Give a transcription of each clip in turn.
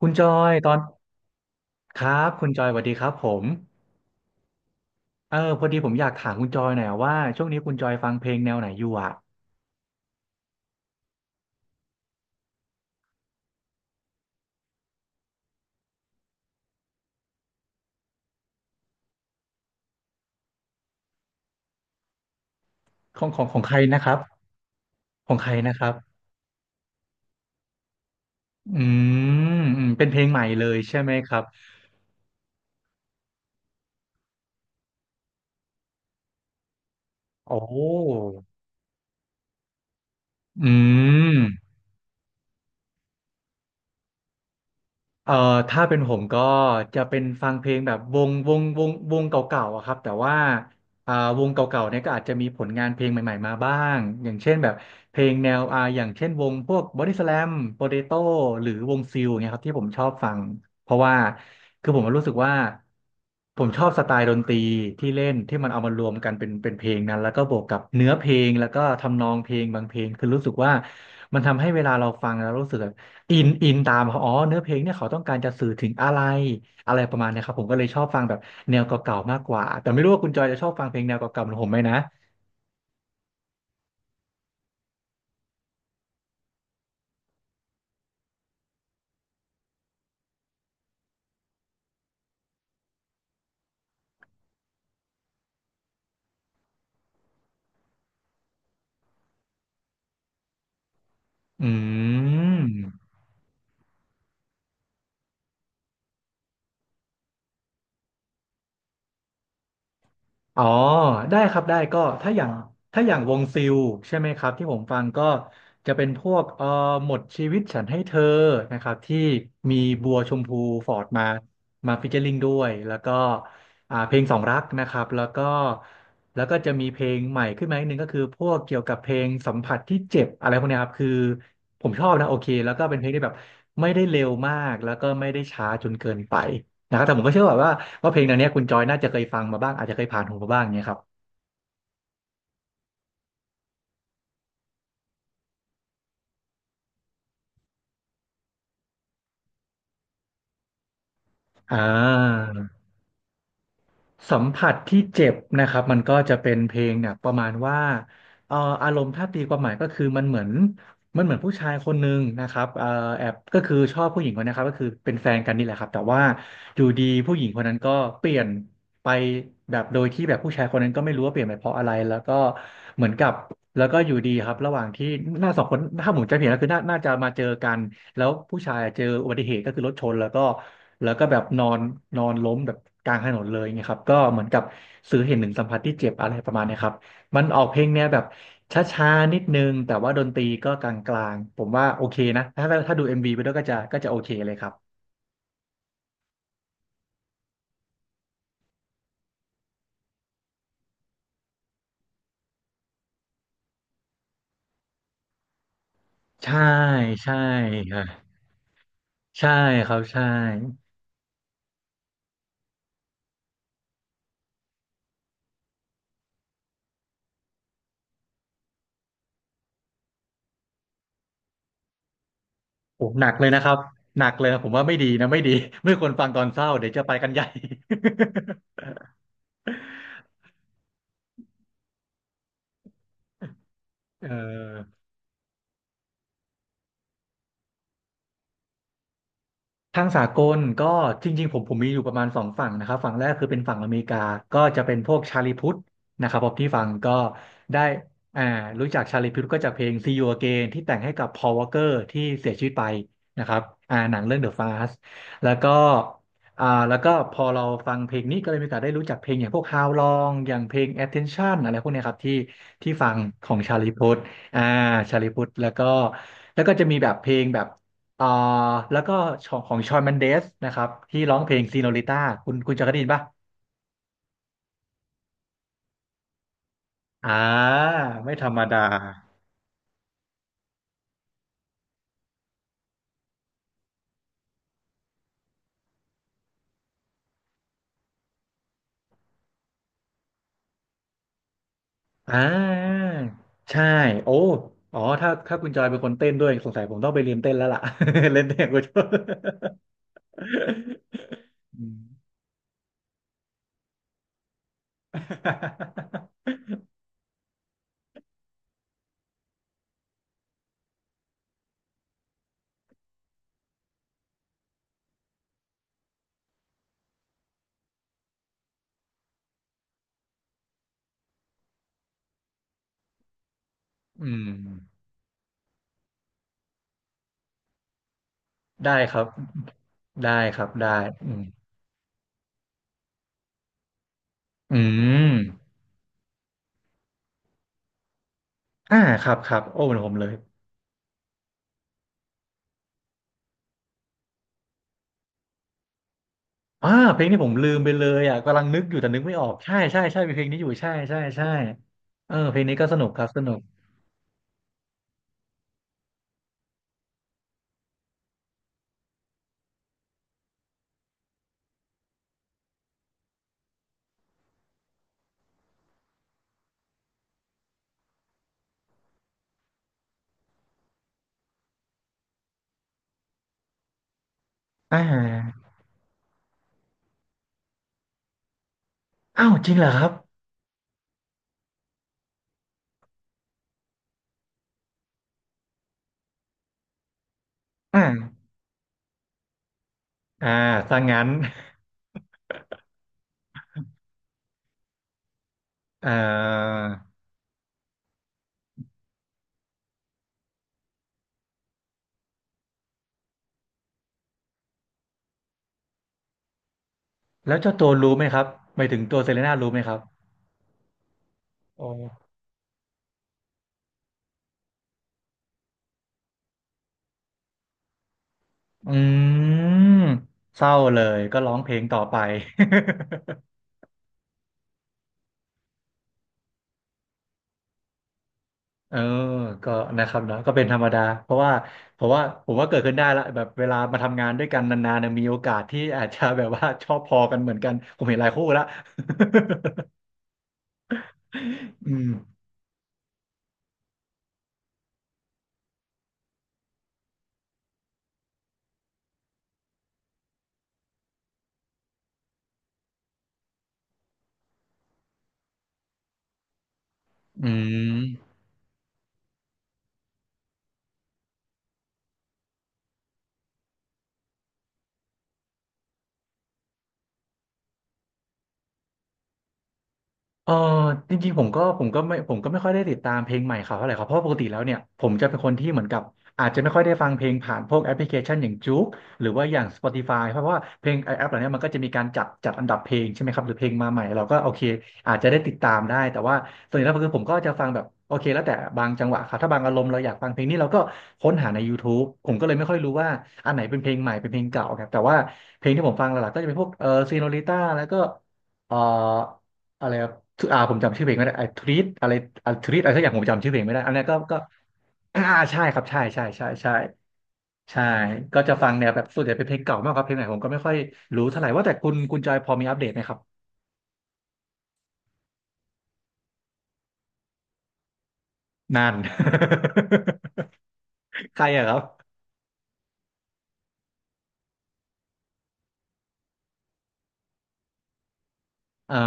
คุณจอยตอนครับคุณจอยสวัสดีครับผมพอดีผมอยากถามคุณจอยหน่อยอะว่าช่วงนี้คุณจอยฟังเพลงแนวไหนอยู่อ่ะของใครนะครับของใครนะครับอืเป็นเพลงใหม่เลยใช่ไหมครับโอ้อืม เอ่อถ้าเป็นผมก็จะเป็นฟังเพลงแบบวงเก่าๆอะครับแต่ว่าอ่าวงเก่าๆเนี่ยก็อาจจะมีผลงานเพลงใหม่ๆมาบ้างอย่างเช่นแบบเพลงแนวอย่างเช่นวงพวกบอดี้สแลมโปเตโต้หรือวงซิลเนี้ยครับที่ผมชอบฟังเพราะว่าคือผมรู้สึกว่าผมชอบสไตล์ดนตรีที่เล่นที่มันเอามารวมกันเป็นเพลงนั้นแล้วก็บวกกับเนื้อเพลงแล้วก็ทำนองเพลงบางเพลงคือรู้สึกว่ามันทำให้เวลาเราฟังแล้วรู้สึก อินตามเขาอ๋อเนื้อเพลงเนี่ยเขาต้องการจะสื่อถึงอะไรอะไรประมาณเนี้ยครับผมก็เลยชอบฟังแบบแนวเก่าๆมากกว่าแต่ไม่รู้ว่าคุณจอยจะชอบฟังเพลงแนวเก่าๆเหมือนผมไหมนะอืม อ๋อได้ครับได้ก็ถ้าอย่างวงซิลใช่ไหมครับที่ผมฟังก็จะเป็นพวกหมดชีวิตฉันให้เธอนะครับที่มีบัวชมพูฟอร์ดมาฟีเจอริงด้วยแล้วก็เพลงสองรักนะครับแล้วก็จะมีเพลงใหม่ขึ้นมาอีกหนึ่งก็คือพวกเกี่ยวกับเพลงสัมผัสที่เจ็บอะไรพวกเนี้ยครับคือผมชอบนะโอเคแล้วก็เป็นเพลงที่แบบไม่ได้เร็วมากแล้วก็ไม่ได้ช้าจนเกินไป นะครับแต่ผมก็เชื่อว่าเพลงแนวเนี้ยคุณจอยน่าจะเคยฟังมาบ้างอาจจะเคยผ่านหูมาบ้างเนี้ยครับอ่าสัมผัสที่เจ็บนะครับมันก็จะเป็นเพลงเนี่ยประมาณว่าเอ่ออารมณ์ถ้าตีความหมายก็คือมันเหมือน มันเหมือนผู้ชายคนหนึ่งนะครับแอบก็คือชอบผู้หญิงคนนี้ครับก็คือเป็นแฟนกันนี่แหละครับแต่ว่าอยู่ดีผู้หญิงคนนั้นก็เปลี่ยนไปแบบโดยที่แบบผู้ชายคนนั้นก็ไม่รู้ว่าเปลี่ยนไปเพราะอะไรแล้วก็เหมือนกับแล้วก็อยู่ดีครับระหว่างที่หน้าสองคนถ้าผมจำไม่ผิดก็คือน่าจะมาเจอกันแล้วผู้ชายเจออุบัติเหตุก็คือรถชนแล้วก็แล้วก็แบบนอนนอนล้มแบบกลางถนนเลยไงครับก็เหมือนกับสื่อเห็นถึงสัมผัสที่เจ็บอะไรประมาณเนี้ยครับ มันออกเพลงแนวแบบช้าๆนิดนึงแต่ว่าดนตรีก็กลางๆผมว่าโอเคนะถ้าดู MV ไปด้วยก็จะโอเคเลยครับใช่ใช่ค่ะใช่ครับใช่โอ้หนักเลยนะครับหนักเลยนะผมว่าไม่ดีนะไม่ดี ไม่ควรฟังตอนเศร้าเดี๋ยวจะไปกันใหญ่ เออ ทางสากลก็จริงๆผมมีอยู่ประมาณสองฝั่งนะครับฝั่งแรกคือเป็นฝั่งอเมริกาก็จะเป็นพวกชาลีพุทธนะครับผมที่ฟังก็ได้อ่ารู้จักชาลีพุทธก็จากเพลง See You Again ที่แต่งให้กับ Paul Walker ที่เสียชีวิตไปนะครับหนังเรื่อง The Fast แล้วก็แล้วก็พอเราฟังเพลงนี้ก็เลยมีโอกาสได้รู้จักเพลงอย่างพวก How Long อย่างเพลง Attention อะไรพวกเนี้ยครับที่ฟังของชาลีพุทธอ่าชาลีพุทธแล้วก็แล้วก็จะมีแบบเพลงแบบ อ่าแล้วก็ของขอชอนแมนเดสนะครับที่ร้องเพลงซีโนริต้าคุณจะเคยได้ยินป่ะอ่าไม่ธรรมดาอ่าใช่โอ้อ๋อถ้าคุณจอยเป็นคนเต้นด้วยสงสัยผมต้องไปเรียนเต้นแล้วล่ะ เล่นเต้นกูชอบอืม อืมได้ครับได้ครับได้อืมอืมอ่าครับครับโอ้เหมือนผมเลย อ่าเพลงนี้ผมลืมไปเลยอ่ะกำลังนึกอยู่แต่นึกไม่ออกใช่ใช่ใช่มีเพลงนี้อยู่ใช่ใช่ใช่เออเพลงนี้ก็สนุกครับสนุกอ่าอ้าวจริงเหรอครับอ่าอ่าถ้างั้นเอ่อแล้วเจ้าตัวรู้ไหมครับหมายถึงตัวเซเลน่ารู้ไหมครับโอ้อืมเศร้าเลยก็ร้องเพลงต่อไป เออก็นะครับเนาะก็เป็นธรรมดา เพราะว่าผมว่าเกิดขึ้นได้ละแบบเวลามาทำงานด้วยกันนานๆเนี่ยมีโอกาสที่อาจจะแบบว่าชอบพอกันเหมือนกัน ผมเห็นหลายคู่ละ อืม อืม เออจริงๆผมก็ไม่ค่อยได้ติดตามเพลงใหม่เขาเท่าไหร่ครับเพราะปกติแล้วเนี่ยผมจะเป็นคนที่เหมือนกับอาจจะไม่ค่อยได้ฟังเพลงผ่านพวกแอปพลิเคชันอย่างจ๊กหรือว่าอย่าง Spotify เพราะว่าเพลงไอแอปเหล่านี้มันก็จะมีการจัดอันดับเพลงใช่ไหมครับหรือเพลงมาใหม่เราก็โอเคอาจจะได้ติดตามได้แต่ว่าส่วนใหญ่แล้วคือผมก็จะฟังแบบโอเคแล้วแต่บางจังหวะครับถ้าบางอารมณ์เราอยากฟังเพลงนี้เราก็ค้นหาใน YouTube ผมก็เลยไม่ค่อยรู้ว่าอันไหนเป็นเพลงใหม่เป็นเพลงเก่าครับแต่ว่าเพลงที่ผมฟังหลักๆก็จะเป็นพวกเออซีโนลิต้าแล้วก็เอ่อ อะไรครับผมจำชื่อเพลงไม่ได้ไอ้ทริตอะไรทริตอะไรสักอย่างผมจำชื่อเพลงไม่ได้อันนี้นก็อ่าใช่ครับใช่ใช่ใช่ใช่ใช่ก็จะฟังแนวแบบส่วนใหญ่เป็นเพลงเก่ามากครับเพลงไหนผมก็ไม่ค่อยรู้เท่าไหร่ว่าแต่คุณจอยพอมีอัปเดตไหมครับนั่น ใครอะครับอ๋อ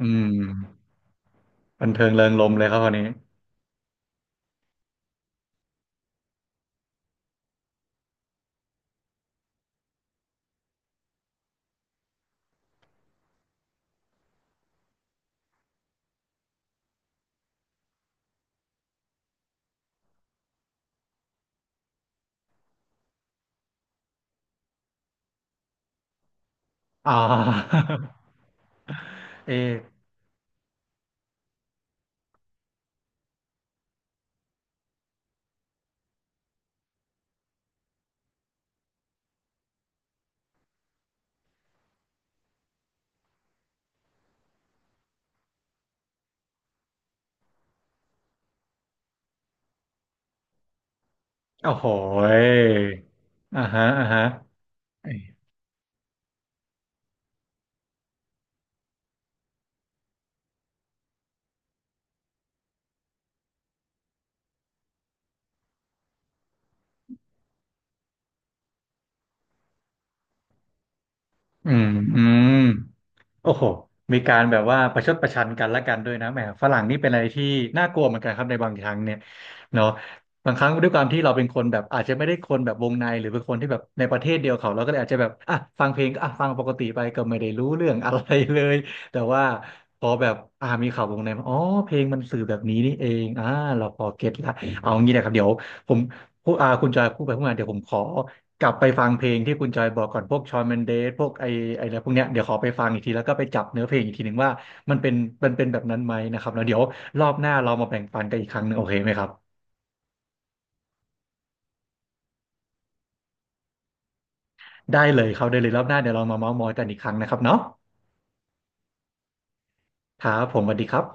อืมบันเทิงเริงรมย์เลยครับวันนี้อ๋อ เอะโอ้โหอ่าฮะอ่าฮะเอะอืมอืม โอ้โหมีการแบบว่าประชดประชันกันและกันด้วยนะแหมฝรั่งนี่เป็นอะไรที่น่ากลัวเหมือนกันครับในบางครั้งเนี่ยเนาะบางครั้งด้วยความที่เราเป็นคนแบบอาจจะไม่ได้คนแบบวงในหรือเป็นคนที่แบบในประเทศเดียวเขาเราก็เลยอาจจะแบบอ่ะฟังเพลงก็อ่ะฟังปกติไปก็ไม่ได้รู้เรื่องอะไรเลยแต่ว่าพอแบบมีข่าววงในมาอ๋อเพลงมันสื่อแบบนี้นี่เองอ่าเราพอเก็ตละเอางี้นะครับเดี๋ยวผมพูดคุณจอยพูดไปพูดมาเดี๋ยวผมขอ กลับไปฟังเพลงที่คุณจอยบอกก่อนพวกชอนเมนเดสพวกไออะไรพวกเนี้ยเดี๋ยวขอไปฟังอีกทีแล้วก็ไปจับเนื้อเพลงอีกทีหนึ่งว่ามันเป็นมันเป็นแบบนั้นไหมนะครับแล้วเดี๋ยวรอบหน้าเรามาแบ่งปันกันอีกครั้งหนึงโอเคไหมครับได้เลยครับได้เลยรอบหน้าเดี๋ยวเรามาเม้าท์มอยกันอีกครั้งนะครับเนาะครับผมสวัสดีครับ